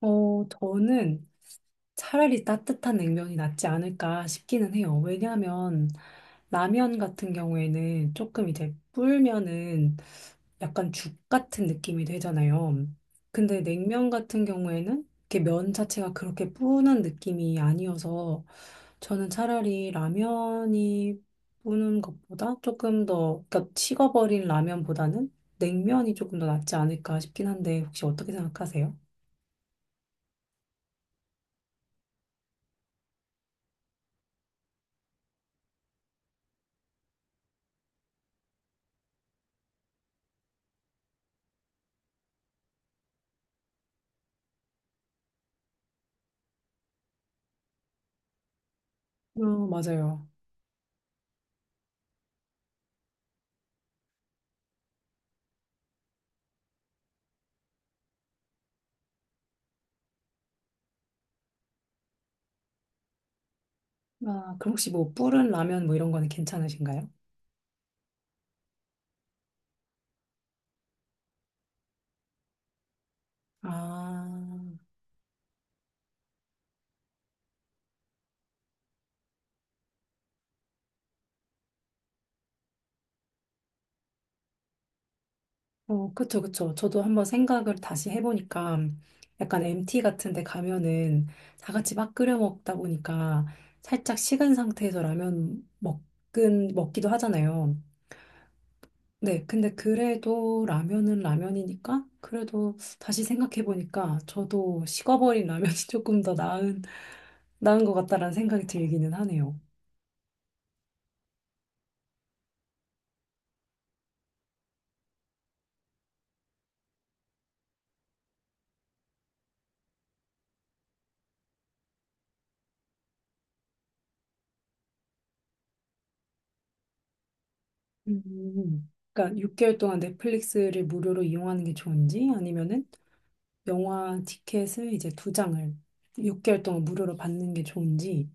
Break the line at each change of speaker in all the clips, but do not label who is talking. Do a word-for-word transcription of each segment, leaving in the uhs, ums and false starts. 어, 저는 차라리 따뜻한 냉면이 낫지 않을까 싶기는 해요. 왜냐하면 라면 같은 경우에는 조금 이제 불면은 약간 죽 같은 느낌이 되잖아요. 근데 냉면 같은 경우에는 이렇게 면 자체가 그렇게 뿌는 느낌이 아니어서 저는 차라리 라면이 뿌는 것보다 조금 더, 그러니까 식어버린 라면보다는 냉면이 조금 더 낫지 않을까 싶긴 한데 혹시 어떻게 생각하세요? 어, 맞아요. 아, 그럼 혹시 뭐 불은 라면 뭐 이런 거는 괜찮으신가요? 아, 어, 그쵸, 그쵸. 저도 한번 생각을 다시 해보니까 약간 엠티 같은 데 가면은 다 같이 막 끓여 먹다 보니까 살짝 식은 상태에서 라면 먹긴, 먹기도 하잖아요. 네, 근데 그래도 라면은 라면이니까 그래도 다시 생각해보니까 저도 식어버린 라면이 조금 더 나은, 나은 것 같다라는 생각이 들기는 하네요. 음. 그러니까 육 개월 동안 넷플릭스를 무료로 이용하는 게 좋은지 아니면은 영화 티켓을 이제 두 장을 육 개월 동안 무료로 받는 게 좋은지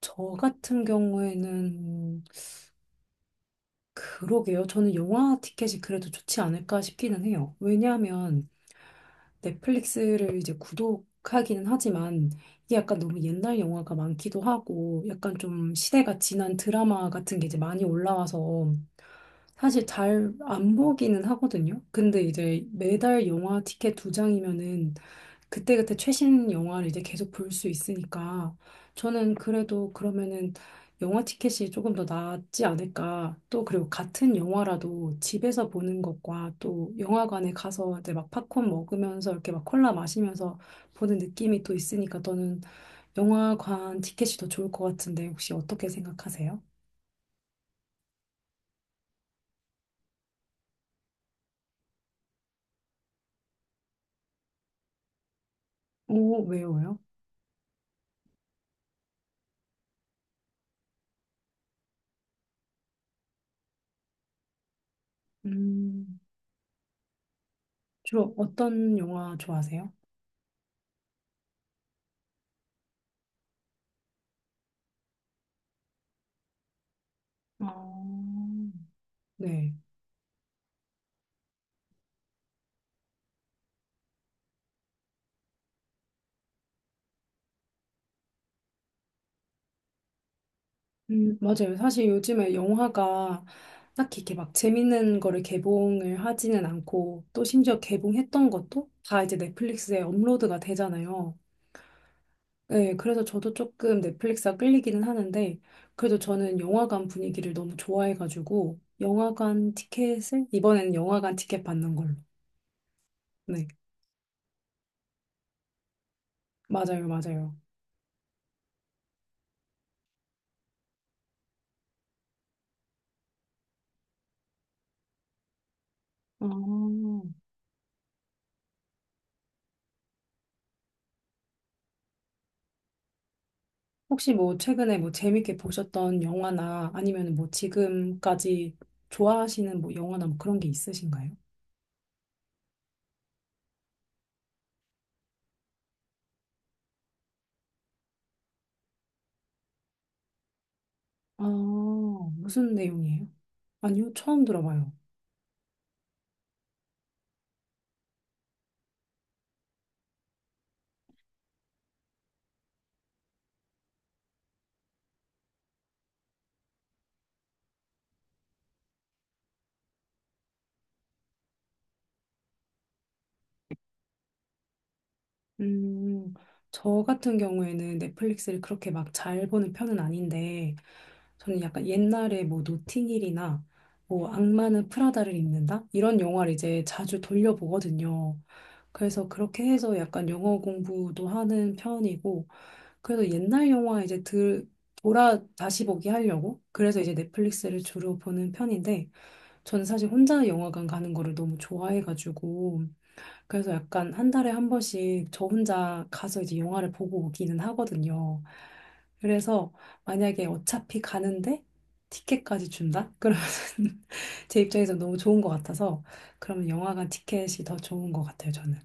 저 같은 경우에는 음, 그러게요. 저는 영화 티켓이 그래도 좋지 않을까 싶기는 해요. 왜냐하면 넷플릭스를 이제 구독하기는 하지만 이게 약간 너무 옛날 영화가 많기도 하고 약간 좀 시대가 지난 드라마 같은 게 이제 많이 올라와서 사실 잘 안 보기는 하거든요. 근데 이제 매달 영화 티켓 두 장이면은 그때그때 최신 영화를 이제 계속 볼 수 있으니까 저는 그래도 그러면은 영화 티켓이 조금 더 낫지 않을까. 또 그리고 같은 영화라도 집에서 보는 것과 또 영화관에 가서 이제 막 팝콘 먹으면서 이렇게 막 콜라 마시면서 보는 느낌이 또 있으니까 저는 영화관 티켓이 더 좋을 것 같은데 혹시 어떻게 생각하세요? 오, 왜요? 왜요? 음. 주로 어떤 영화 좋아하세요? 아, 네. 음, 맞아요. 사실 요즘에 영화가 딱히 이렇게 막 재밌는 거를 개봉을 하지는 않고 또 심지어 개봉했던 것도 다 이제 넷플릭스에 업로드가 되잖아요. 네. 그래서 저도 조금 넷플릭스가 끌리기는 하는데 그래도 저는 영화관 분위기를 너무 좋아해가지고 영화관 티켓을 이번에는 영화관 티켓 받는 걸로. 네. 맞아요. 맞아요. 아. 혹시 뭐 최근에 뭐 재밌게 보셨던 영화나 아니면 뭐 지금까지 좋아하시는 뭐 영화나 뭐 그런 게 있으신가요? 아, 무슨 내용이에요? 아니요, 처음 들어봐요. 음, 저 같은 경우에는 넷플릭스를 그렇게 막 잘 보는 편은 아닌데, 저는 약간 옛날에 뭐 노팅힐이나 뭐 악마는 프라다를 입는다? 이런 영화를 이제 자주 돌려보거든요. 그래서 그렇게 해서 약간 영어 공부도 하는 편이고, 그래서 옛날 영화 이제 들, 돌아 다시 보기 하려고 그래서 이제 넷플릭스를 주로 보는 편인데 저는 사실 혼자 영화관 가는 거를 너무 좋아해가지고 그래서 약간 한 달에 한 번씩 저 혼자 가서 이제 영화를 보고 오기는 하거든요. 그래서 만약에 어차피 가는데 티켓까지 준다? 그러면 제 입장에서 너무 좋은 것 같아서 그러면 영화관 티켓이 더 좋은 것 같아요, 저는.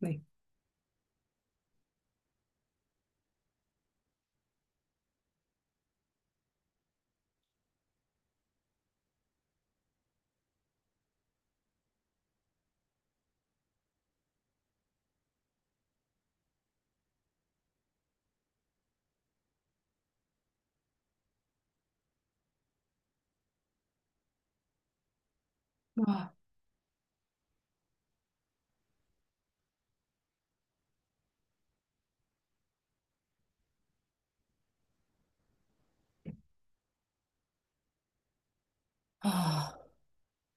네. 아, 아,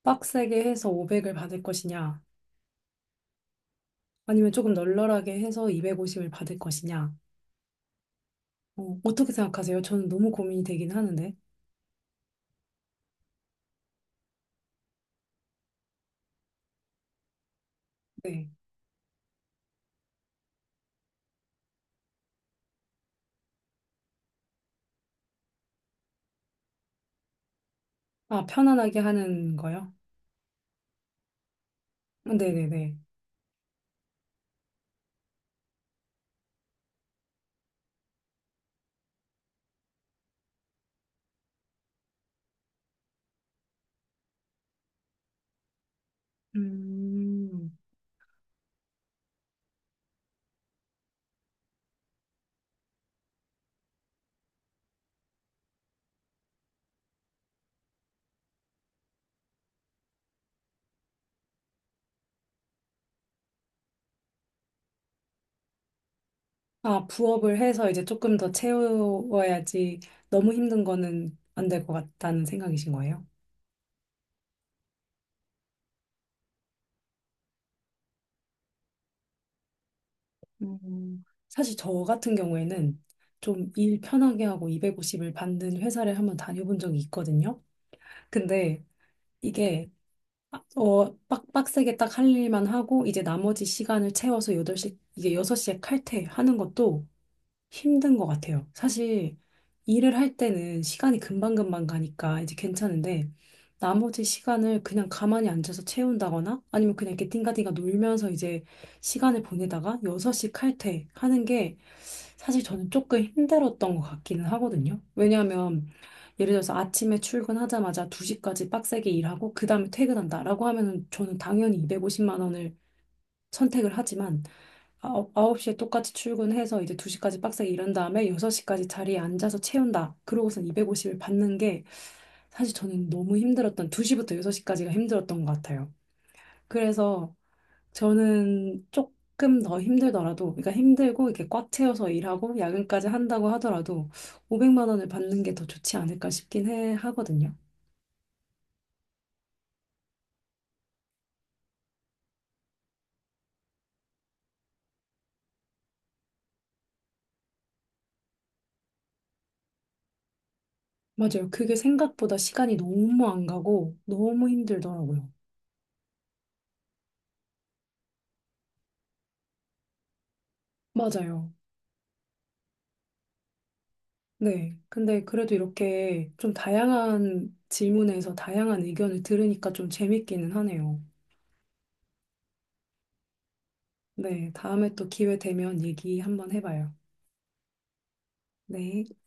빡세게 해서 오백을 받을 것이냐? 아니면 조금 널널하게 해서 이백오십을 받을 것이냐. 어, 어떻게 생각하세요? 저는 너무 고민이 되긴 하는데. 네. 아, 편안하게 하는 거요? 네네네. 음. 아, 부업을 해서 이제 조금 더 채워야지 너무 힘든 거는 안 될 것 같다는 생각이신 거예요? 음. 사실 저 같은 경우에는 좀 일 편하게 하고 이백오십을 받는 회사를 한번 다녀본 적이 있거든요. 근데 이게 어, 빡, 빡세게 딱 할 일만 하고, 이제 나머지 시간을 채워서 여덟 시 이게 여섯 시에 칼퇴하는 것도 힘든 것 같아요. 사실, 일을 할 때는 시간이 금방금방 가니까 이제 괜찮은데, 나머지 시간을 그냥 가만히 앉아서 채운다거나, 아니면 그냥 이렇게 띵가띵가 놀면서 이제 시간을 보내다가 여섯 시 칼퇴하는 게 사실 저는 조금 힘들었던 것 같기는 하거든요. 왜냐하면 예를 들어서 아침에 출근하자마자 두 시까지 빡세게 일하고 그 다음에 퇴근한다라고 하면은 저는 당연히 이백오십만 원을 선택을 하지만 아, 어, 아홉- 9시에 똑같이 출근해서 이제 두 시까지 빡세게 일한 다음에 여섯 시까지 자리에 앉아서 채운다. 그러고선 이백오십을 받는 게 사실 저는 너무 힘들었던 두 시부터 여섯 시까지가 힘들었던 것 같아요. 그래서 저는 조금 더 힘들더라도, 그러니까 힘들고 이렇게 꽉 채워서 일하고 야근까지 한다고 하더라도 오백만 원을 받는 게 더 좋지 않을까 싶긴 해 하거든요. 맞아요. 그게 생각보다 시간이 너무 안 가고 너무 힘들더라고요. 맞아요. 네. 근데 그래도 이렇게 좀 다양한 질문에서 다양한 의견을 들으니까 좀 재밌기는 하네요. 네. 다음에 또 기회 되면 얘기 한번 해봐요. 네.